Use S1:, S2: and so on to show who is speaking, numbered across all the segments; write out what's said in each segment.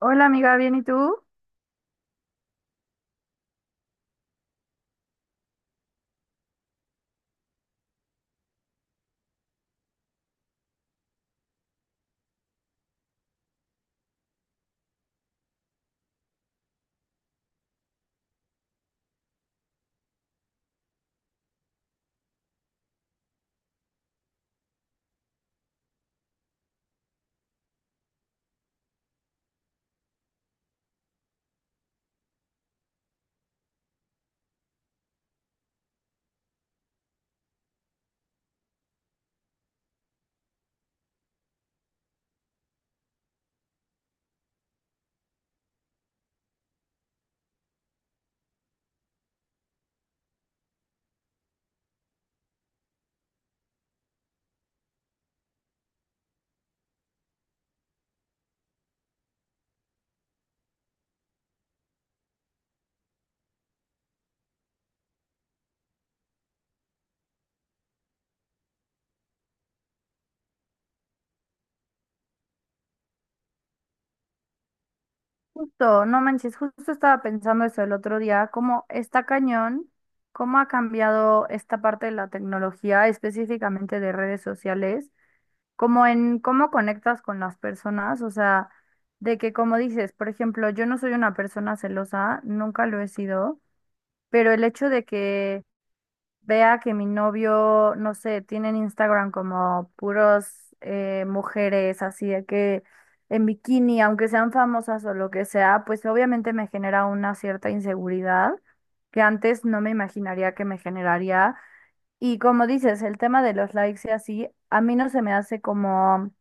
S1: Hola amiga, ¿bien y tú? Justo, no manches, justo estaba pensando eso el otro día, cómo está cañón, cómo ha cambiado esta parte de la tecnología, específicamente de redes sociales, como en cómo conectas con las personas, o sea, de que como dices, por ejemplo, yo no soy una persona celosa, nunca lo he sido, pero el hecho de que vea que mi novio, no sé, tiene en Instagram como puros mujeres así de que en bikini, aunque sean famosas o lo que sea, pues obviamente me genera una cierta inseguridad que antes no me imaginaría que me generaría. Y como dices, el tema de los likes y así, a mí no se me hace como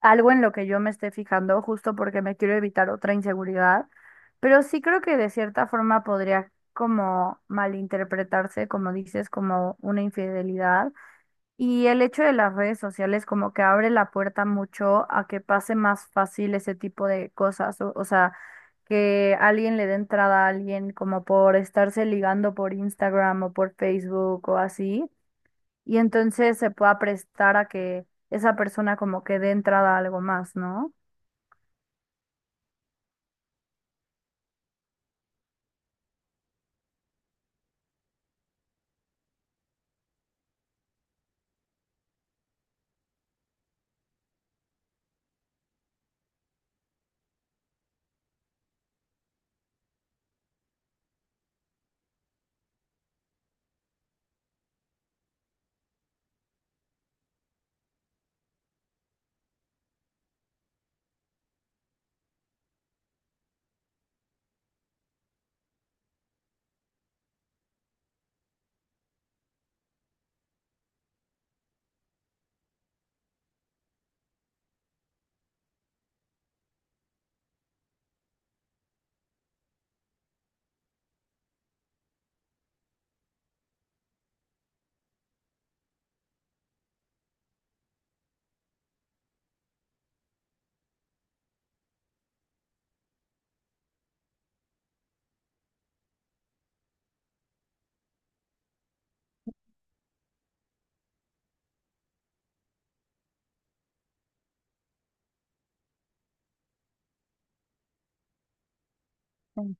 S1: algo en lo que yo me esté fijando, justo porque me quiero evitar otra inseguridad, pero sí creo que de cierta forma podría como malinterpretarse, como dices, como una infidelidad. Y el hecho de las redes sociales como que abre la puerta mucho a que pase más fácil ese tipo de cosas, o sea, que alguien le dé entrada a alguien como por estarse ligando por Instagram o por Facebook o así, y entonces se pueda prestar a que esa persona como que dé entrada a algo más, ¿no? Sí,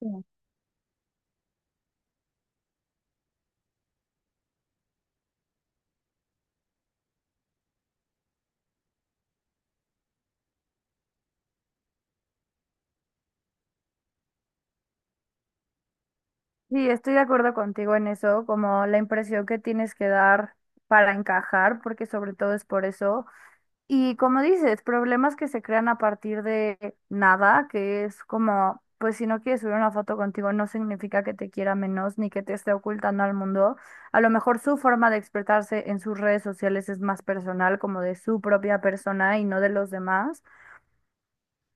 S1: sí. Sí, estoy de acuerdo contigo en eso, como la impresión que tienes que dar para encajar, porque sobre todo es por eso. Y como dices, problemas que se crean a partir de nada, que es como, pues si no quieres subir una foto contigo no significa que te quiera menos ni que te esté ocultando al mundo. A lo mejor su forma de expresarse en sus redes sociales es más personal, como de su propia persona y no de los demás,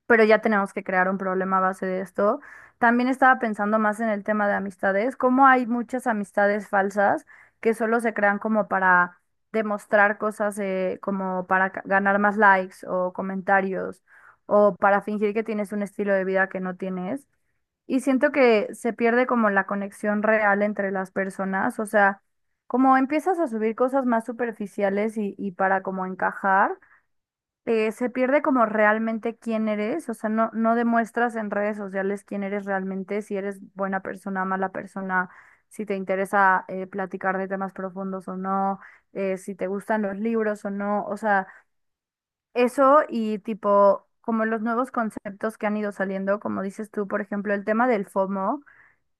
S1: pero ya tenemos que crear un problema a base de esto. También estaba pensando más en el tema de amistades, cómo hay muchas amistades falsas que solo se crean como para demostrar cosas, como para ganar más likes o comentarios o para fingir que tienes un estilo de vida que no tienes. Y siento que se pierde como la conexión real entre las personas, o sea, como empiezas a subir cosas más superficiales y para como encajar, se pierde como realmente quién eres, o sea, no demuestras en redes sociales quién eres realmente, si eres buena persona, mala persona, si te interesa platicar de temas profundos o no, si te gustan los libros o no, o sea, eso y tipo, como los nuevos conceptos que han ido saliendo, como dices tú, por ejemplo, el tema del FOMO.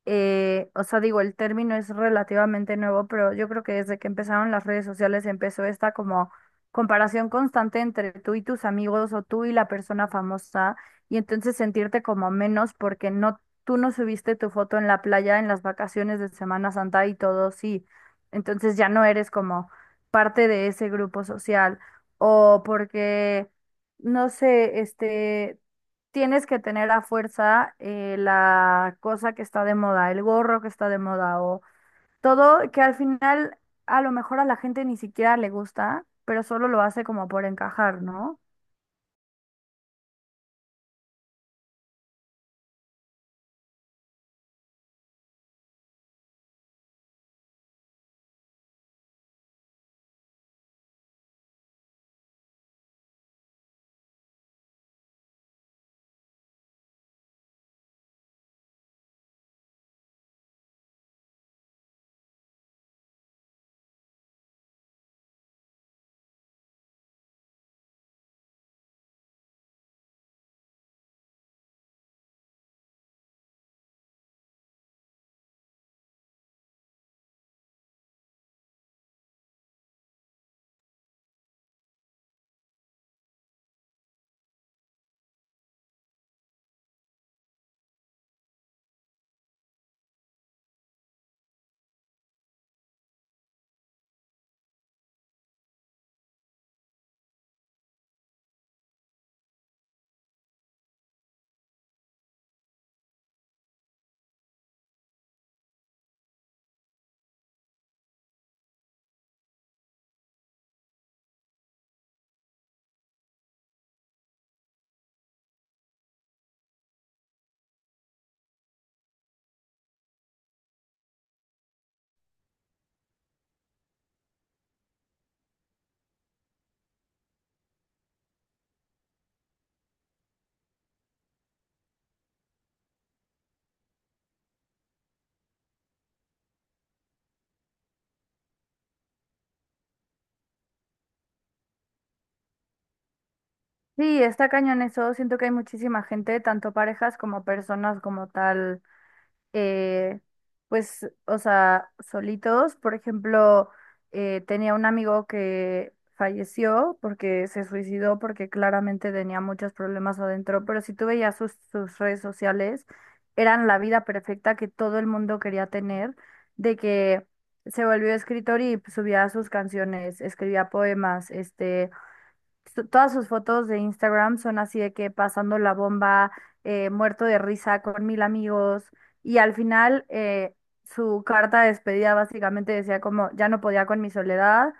S1: O sea, digo, el término es relativamente nuevo, pero yo creo que desde que empezaron las redes sociales empezó esta como comparación constante entre tú y tus amigos o tú y la persona famosa y entonces sentirte como menos porque no, tú no subiste tu foto en la playa en las vacaciones de Semana Santa y todo, sí. Entonces ya no eres como parte de ese grupo social o porque... No sé, este, tienes que tener a fuerza la cosa que está de moda, el gorro que está de moda o todo que al final a lo mejor a la gente ni siquiera le gusta, pero solo lo hace como por encajar, ¿no? Sí, está cañón eso. Siento que hay muchísima gente, tanto parejas como personas como tal, eh, pues, o sea, solitos. Por ejemplo, tenía un amigo que falleció porque se suicidó porque claramente tenía muchos problemas adentro, pero si tú veías sus redes sociales, eran la vida perfecta que todo el mundo quería tener, de que se volvió escritor y subía sus canciones, escribía poemas, este todas sus fotos de Instagram son así de que pasando la bomba, muerto de risa con mil amigos. Y al final, su carta de despedida básicamente decía como, ya no podía con mi soledad,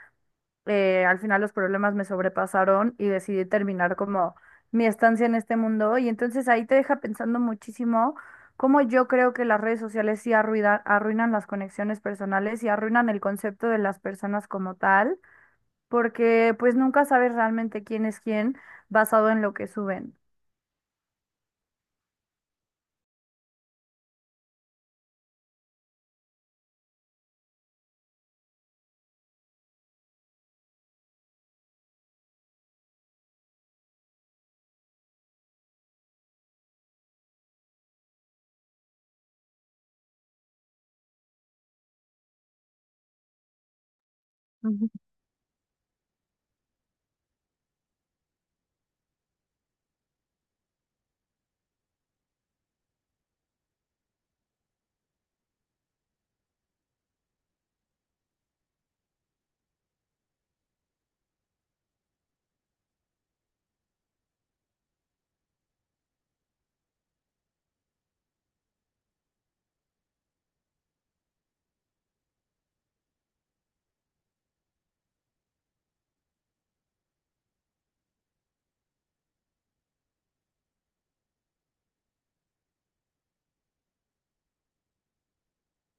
S1: al final los problemas me sobrepasaron y decidí terminar como mi estancia en este mundo. Y entonces ahí te deja pensando muchísimo cómo yo creo que las redes sociales sí arruinan las conexiones personales y arruinan el concepto de las personas como tal, porque pues nunca sabes realmente quién es quién basado en lo que suben. Ujú.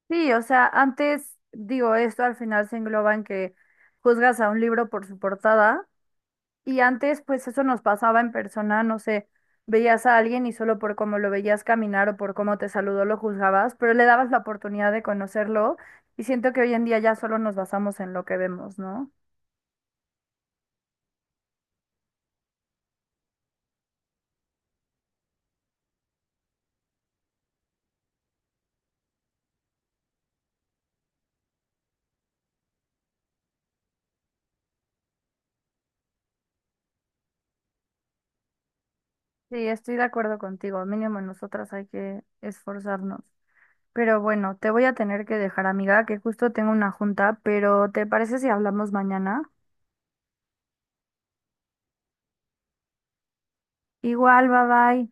S1: Sí, o sea, antes digo, esto al final se engloba en que juzgas a un libro por su portada y antes pues eso nos pasaba en persona, no sé, veías a alguien y solo por cómo lo veías caminar o por cómo te saludó lo juzgabas, pero le dabas la oportunidad de conocerlo y siento que hoy en día ya solo nos basamos en lo que vemos, ¿no? Sí, estoy de acuerdo contigo, mínimo nosotras hay que esforzarnos. Pero bueno, te voy a tener que dejar, amiga, que justo tengo una junta, pero ¿te parece si hablamos mañana? Igual, bye bye.